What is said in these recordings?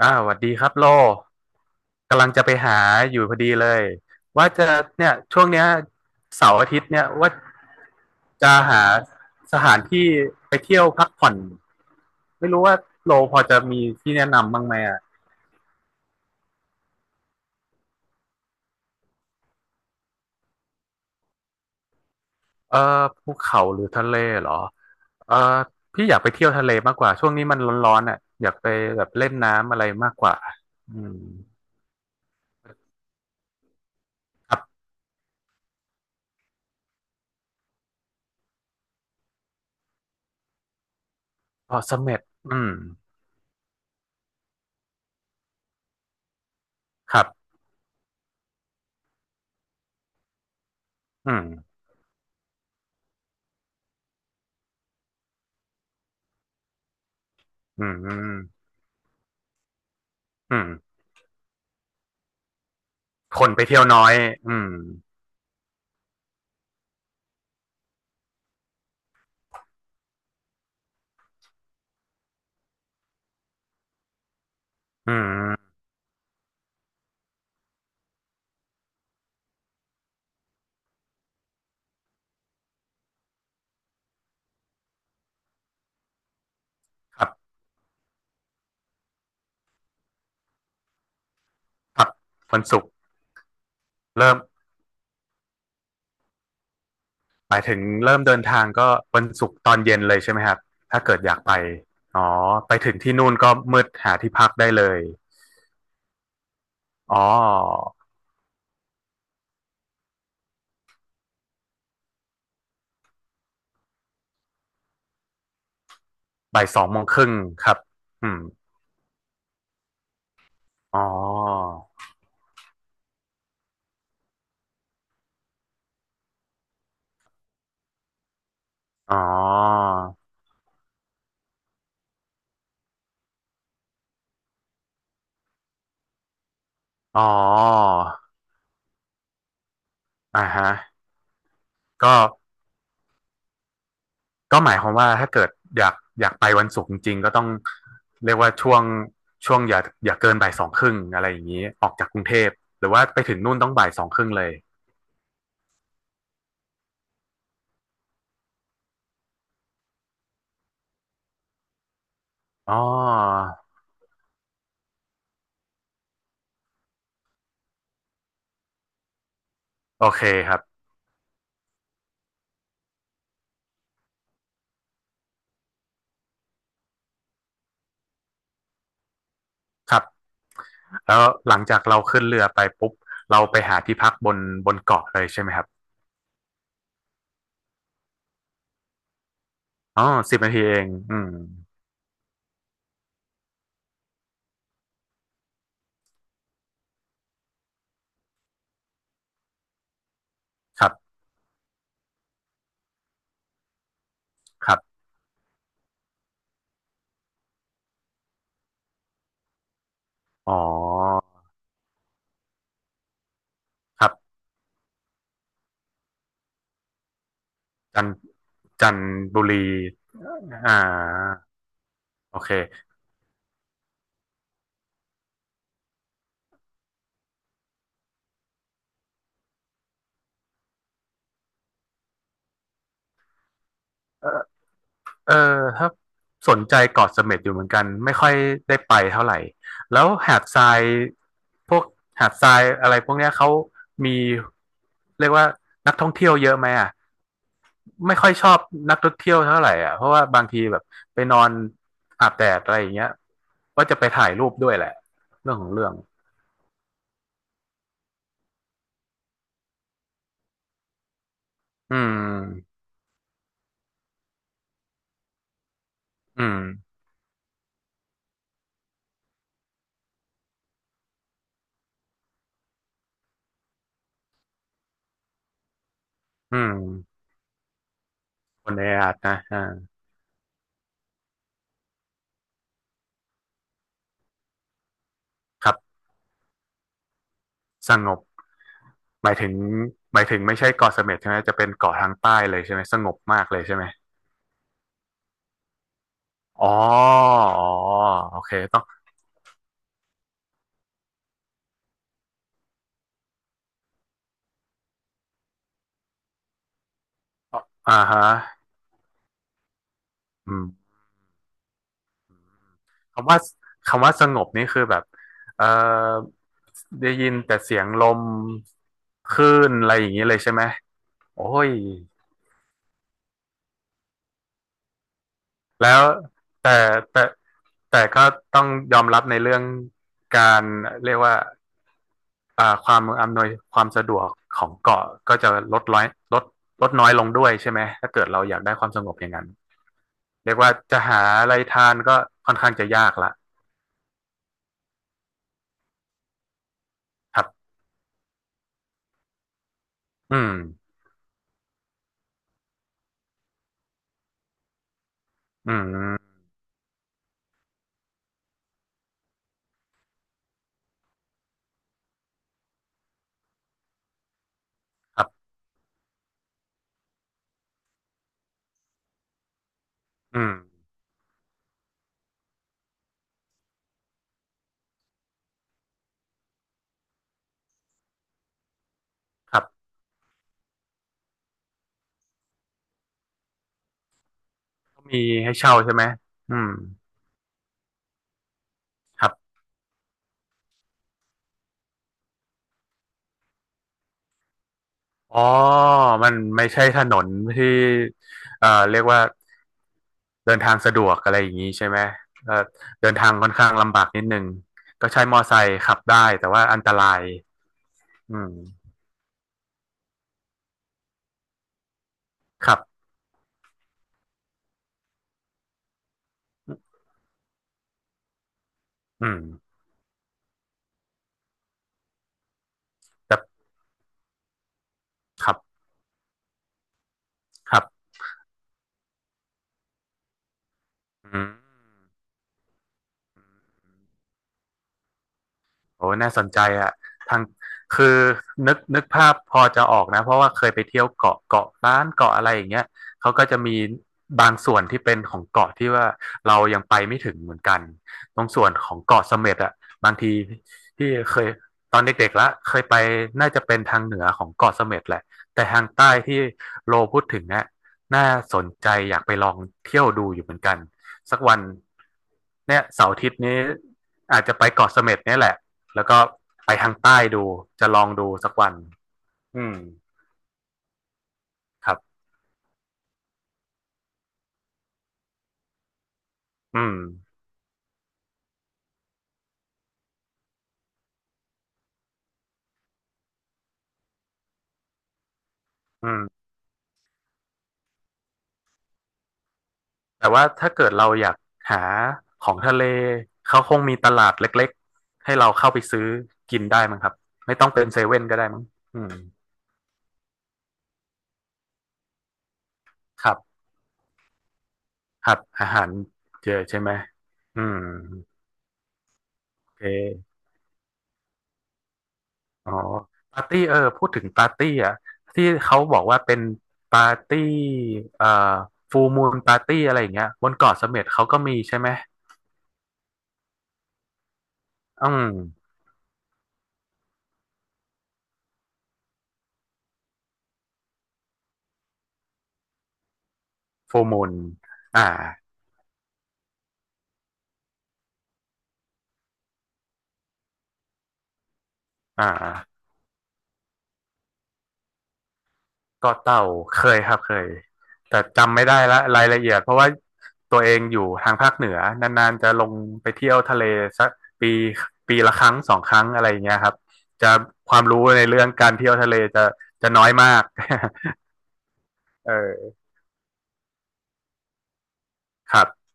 หวัสดีครับโลกำลังจะไปหาอยู่พอดีเลยว่าจะเนี่ยช่วงเนี้ยเสาร์อาทิตย์เนี่ยว่าจะหาสถานที่ไปเที่ยวพักผ่อนไม่รู้ว่าโลพอจะมีที่แนะนำบ้างไหมอ่ะเออภูเขาหรือทะเลเหรอเออพี่อยากไปเที่ยวทะเลมากกว่าช่วงนี้มันร้อนๆอ่ะอยากไปแบบเล่นน้ำอะไรมากกว่าอืมครับพอเสม็ดอืมครับอืมอืมอืมอืมคนไปเที่ยวน้อยอืมอืมครับ ครับวันศุกร์เริ่มหมายถึงเริ่มเดินทางก็วันศุกร์ตอนเย็นเลยใช่ไหมครับถ้าเกิดอยากไปอ๋อไปถึงที่นู่นก็มืดหาที่พักได้เลยอ๋อบ่ายสองโมงครึ่งครับอืมอ๋ออ๋ออ๋ออ่าฮะก็ก็หมายความว่าถ้าเกิดอยากอยากไปวันศุกร์จริงๆก็ต้องเรียกว่าช่วงอย่าเกินบ่ายสองครึ่งอะไรอย่างนี้ออกจากกรุงเทพหรือว่าไปถึงนู่นต้องบ่ายสองครึ่งเลยอ๋อ โอเคครับครับแล้วหลังจากเราขึ้นเรือไปปุ๊บเราไปหาที่พักบนเกาะเลยใช่ไหมครับอ๋อสิบนาทีเองครับครับอ๋อครับจันจันทบุรีอ่าโอเคเออเออถ้าสนใจเกาะเสม็ดอยู่เหมือนกันไม่ค่อยได้ไปเท่าไหร่แล้วหาดทรายพวกหาดทรายอะไรพวกเนี้ยเขามีเรียกว่านักท่องเที่ยวเยอะไหมอ่ะ ไม่ค่อยชอบนักท่องเที่ยวเท่าไหร่อ่ะเพราะว่าบางทีแบบไปนอนอาบแดดอะไรอย่างเงี้ยว่าจะไปถ่ายรูปด้วยแหละเรื่องของเรื่องอืมอืมอืมคนในอาดนะอ่าครับสงบหมายถึงหมายถึงไม่ใช่เกาะเสม็ดใช่ไหมจะเป็นเกาะทางใต้เลยใช่ไหมสงบมากเลยใช่ไหมอ๋ออ๋อโอเคต้องอ่าฮะอืม คำว่าคำว่าสงบนี่คือแบบเอ่อได้ยินแต่เสียงลมคลื่นอะไรอย่างนี้เลยใช่ไหมโอ้ยแล้วแต่แต่แต่ก็ต้องยอมรับในเรื่องการเรียกว่าอ่าความอำนวยความสะดวกของเกาะก็จะลดน้อยลดลดน้อยลงด้วยใช่ไหมถ้าเกิดเราอยากได้ความสงบอย่างนั้นเรียกว่าจะหาอะไรทานก็ค่อนข้างจะยากละครับอืมอืมครับอืมครับ มีให้เช่าใช่ไหมอืมครับอ๋อมันไม่ใช่ถนนที่เรียกว่าเดินทางสะดวกอะไรอย่างนี้ใช่ไหมเอ่อเดินทางค่อนข้างลำบากนิดนึงก็ใช้มอไซค์ขับได้แต่ว่าอันตรายอืมครับอืมแต่ครับครับอืม โอ้น่าสนใจอ่ะทางคือนึกภาพพอจะออกนะเพราะว่าเคยไปเที่ยวเกาะเกาะล้านเกาะอะไรอย่างเงี้ยเขาก็จะมีบางส่วนที่เป็นของเกาะที่ว่าเรายังไปไม่ถึงเหมือนกันตรงส่วนของเกาะเสม็ดอ่ะบางทีที่เคยตอนเด็กๆละเคยไปน่าจะเป็นทางเหนือของเกาะเสม็ดแหละแต่ทางใต้ที่โลพูดถึงเนี่ยน่าสนใจอยากไปลองเที่ยวดูอยู่เหมือนกันสักวัน เนี่ยเสาร์อาทิตย์นี้อาจจะไปเกาะเสม็ดเนี่ยแหละ แล้วก็ไปทางใต้ดูจะลองดูสักวันอืมครับอืมอืมแต่ว่าถ้าเกิดเราอยากหาของทะเลเขาคงมีตลาดเล็กๆให้เราเข้าไปซื้อกินได้มั้งครับไม่ต้องเป็นเซเว่นก็ได้มั้งอืมครับครับอาหารเจอใช่ไหมอืมโอเคอ๋อปาร์ตี้เออพูดถึงปาร์ตี้อ่ะที่เขาบอกว่าเป็นปาร์ตี้เอ่อฟูมูนปาร์ตี้อะไรอย่างเงี้ยบนเกาะเสม็ดเขาก็มีใช่ไหมอืม โฟร์มูลอ่าอ่าก็เต่าเคยครับเคยแต่จำไม่ได้ละรายละเอียด เพราะว่าตัวเองอยู่ทางภาคเหนือนานๆจะลงไปเที่ยวทะเลสักปีปีละครั้งสองครั้งอะไรอย่างเงี้ยครับ จะความรู้ในเรื่องการเที่ยวทะเลจะน้อยมาก เออครับ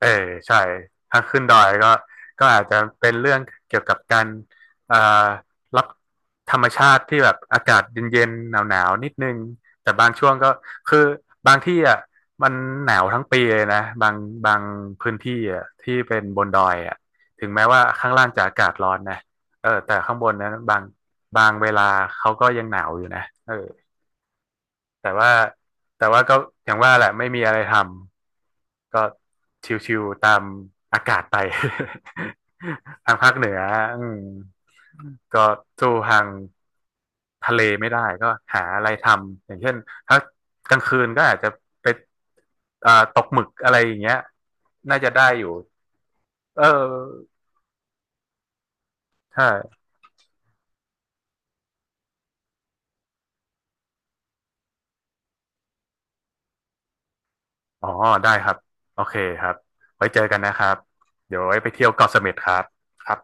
เออใช่ถ้าขึ้นดอยก็อาจจะเป็นเรื่องเกี่ยวกับการเอ่รับธรรมชาติที่แบบอากาศเย็นๆหนาวๆนิดนึงแต่บางช่วงก็คือบางที่อ่ะมันหนาวทั้งปีเลยนะบางพื้นที่อ่ะที่เป็นบนดอยอ่ะถึงแม้ว่าข้างล่างจะอากาศร้อนนะเออแต่ข้างบนนั้นบางเวลาเขาก็ยังหนาวอยู่นะเออ แต่ว่าแต่ว่าก็อย่างว่าแหละไม่มีอะไรทำก็ชิวๆตามอากาศไป ทางภาคเหนืออืมก็สู้ทางทะเลไม่ได้ก็หาอะไรทำอย่างเช่นถ้ากลางคืนก็อาจจะไปตกหมึกอะไรอย่างเงี้ยน่าจะได้อยู่เออใช่อ๋อได้ครับโอเคครับไว้เจอกันนะครับเดี๋ยวไว้ไปเที่ยวเกาะเสม็ดครับครับ